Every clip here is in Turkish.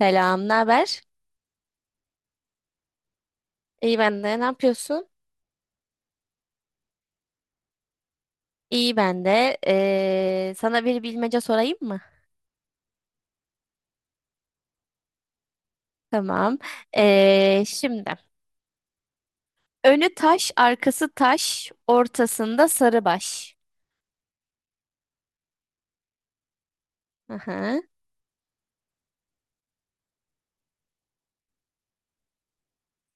Selam, ne haber? İyi ben de. Ne yapıyorsun? İyi ben de. Sana bir bilmece sorayım mı? Tamam. Şimdi önü taş, arkası taş, ortasında sarı baş. Aha,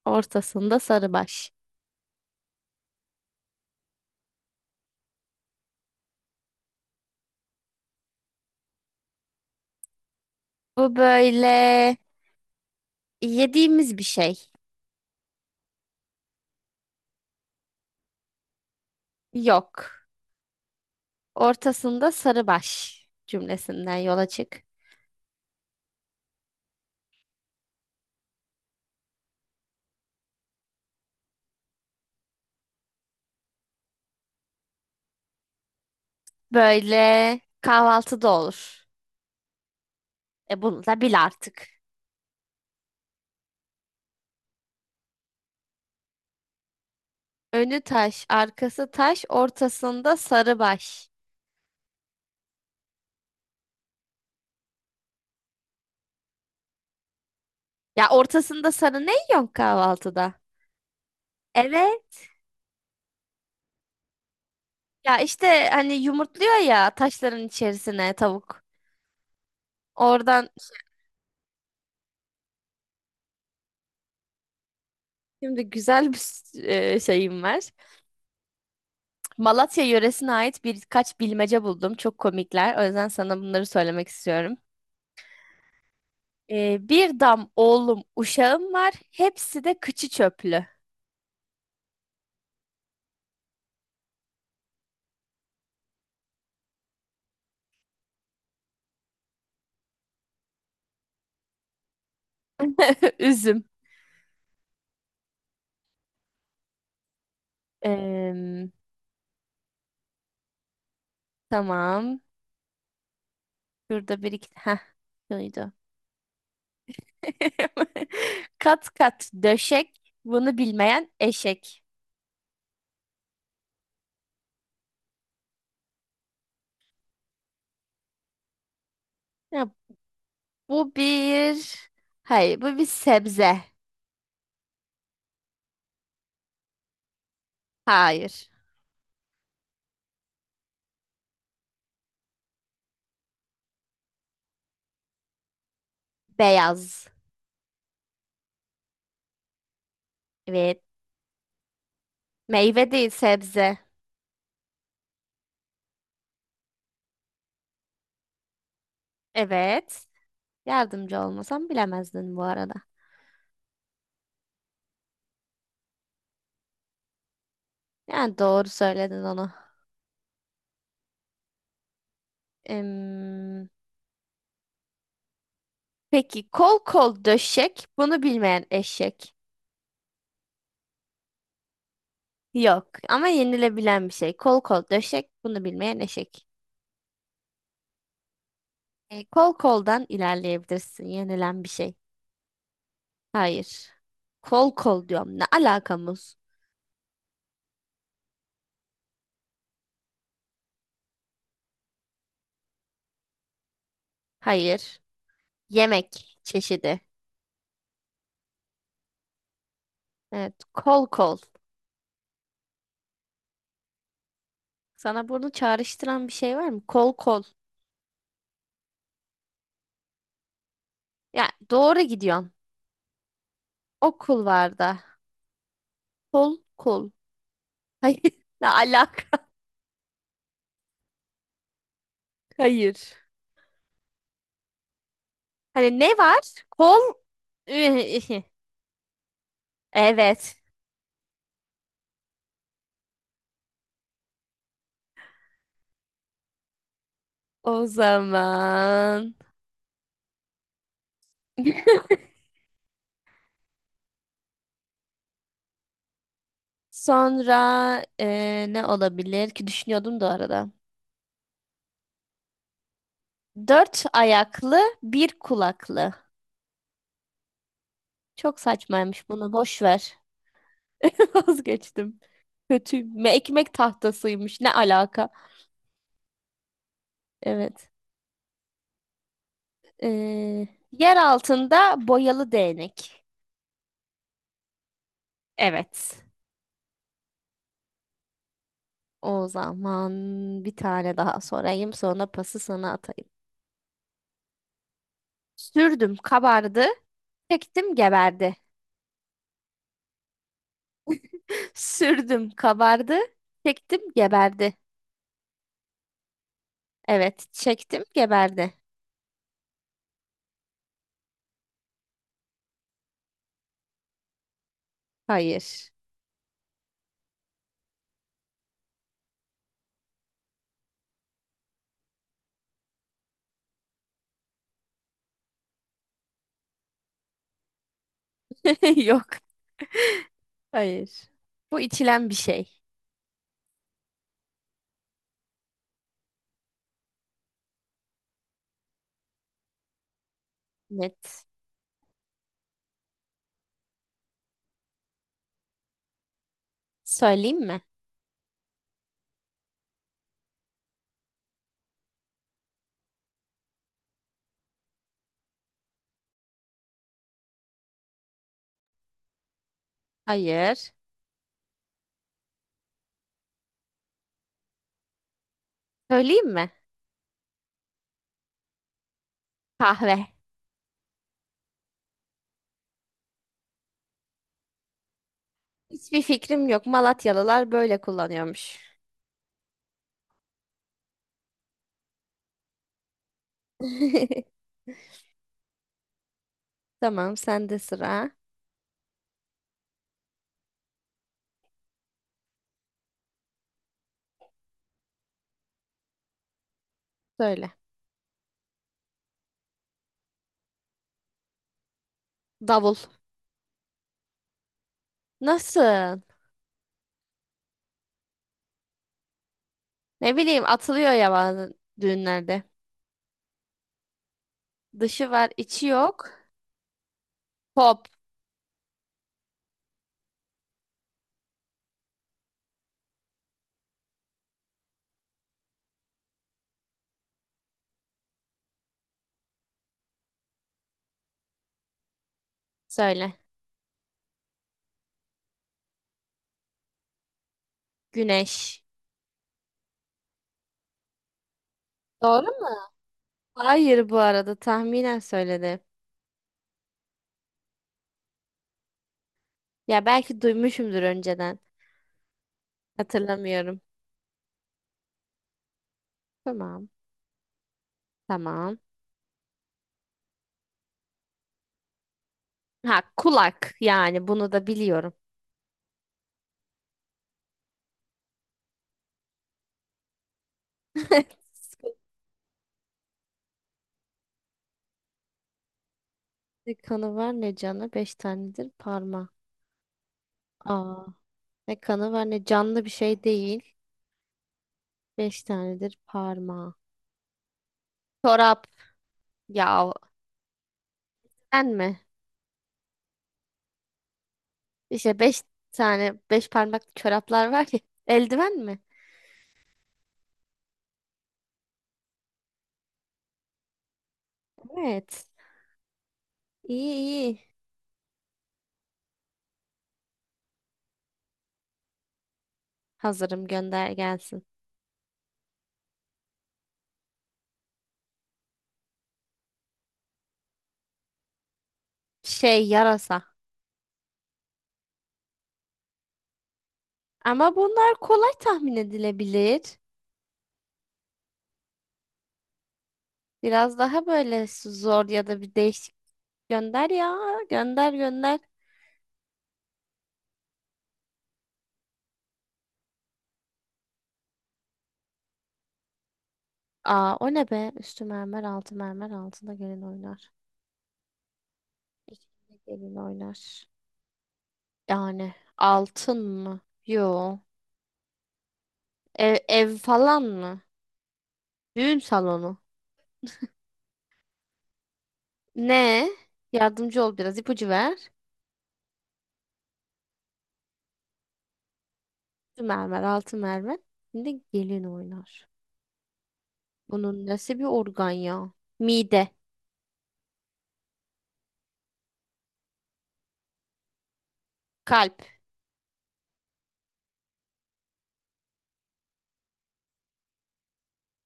ortasında sarı baş. Bu böyle yediğimiz bir şey. Yok. Ortasında sarı baş cümlesinden yola çık. Böyle kahvaltıda olur. E bunu da bil artık. Önü taş, arkası taş, ortasında sarı baş. Ya ortasında sarı ne yiyorsun kahvaltıda? Evet. Ya işte hani yumurtluyor ya taşların içerisine tavuk. Oradan şimdi güzel bir şeyim var. Malatya yöresine ait birkaç bilmece buldum. Çok komikler. O yüzden sana bunları söylemek istiyorum. Bir dam oğlum uşağım var. Hepsi de kıçı çöplü. Üzüm. Em, tamam. Şurada bir iki... Heh, şuydu. Kat kat döşek, bunu bilmeyen eşek. Ya, bu bir... Hayır, bu bir sebze. Hayır. Beyaz. Evet. Meyve değil, sebze. Evet. Yardımcı olmasam bilemezdin bu arada. Yani doğru söyledin onu. Em, peki, kol kol döşek, bunu bilmeyen eşek. Yok ama yenilebilen bir şey. Kol kol döşek, bunu bilmeyen eşek. E, kol koldan ilerleyebilirsin, yenilen bir şey. Hayır. Kol kol diyorum. Ne alakamız? Hayır. Yemek çeşidi. Evet. Kol kol. Sana bunu çağrıştıran bir şey var mı? Kol kol. Ya doğru gidiyorsun. Okul var da. Kol kol. Hayır. Ne alaka? Hayır. Hani ne var? Kol. Evet. O zaman. Sonra ne olabilir ki düşünüyordum da arada. Dört ayaklı, bir kulaklı. Çok saçmaymış bunu. Boş ver. Vazgeçtim. Kötü. Ekmek tahtasıymış. Ne alaka? Evet. Yer altında boyalı değnek. Evet. O zaman bir tane daha sorayım. Sonra pası sana atayım. Sürdüm kabardı. Çektim geberdi. Sürdüm kabardı. Çektim geberdi. Evet. Çektim geberdi. Hayır. Yok. Hayır. Bu içilen bir şey. Net. Söyleyeyim mi? Hayır. Söyleyeyim mi? Kahve. Hiçbir fikrim yok. Malatyalılar böyle kullanıyormuş. Tamam, sende sıra. Söyle. Davul. Nasıl? Ne bileyim, atılıyor ya bazı düğünlerde. Dışı var, içi yok. Pop. Söyle. Güneş. Doğru mu? Hayır bu arada tahminen söyledim. Ya belki duymuşumdur önceden. Hatırlamıyorum. Tamam. Tamam. Ha kulak yani bunu da biliyorum. Ne kanı var ne canı. Beş tanedir parma. Aa. Ne kanı var ne canlı bir şey değil. Beş tanedir parma. Çorap. Ya sen mi? İşte beş tane beş parmak çoraplar var ya. Eldiven mi? Evet. İyi iyi. Hazırım gönder gelsin. Şey yarasa. Ama bunlar kolay tahmin edilebilir. Biraz daha böyle zor ya da bir değişik gönder ya. Gönder gönder. Aa o ne be? Üstü mermer, altı mermer, altında gelin oynar. İkinde gelin oynar. Yani altın mı? Yo. Ev, ev falan mı? Düğün salonu. Ne? Yardımcı ol biraz, ipucu ver. Üstü mermer, altı mermer. Şimdi gelin oynar. Bunun nesi bir organ ya? Mide, kalp.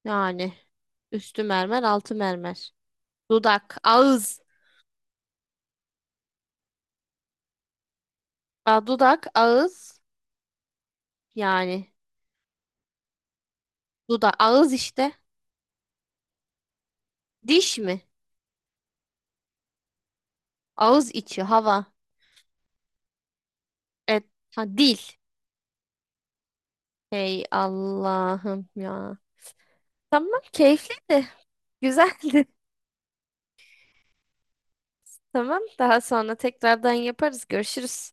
Yani üstü mermer, altı mermer. Dudak, ağız. Aa, dudak, ağız. Yani dudak, ağız işte. Diş mi? Ağız içi hava. Evet. Ha, dil. Hey Allah'ım ya. Tamam keyifliydi. Güzeldi. Tamam daha sonra tekrardan yaparız. Görüşürüz.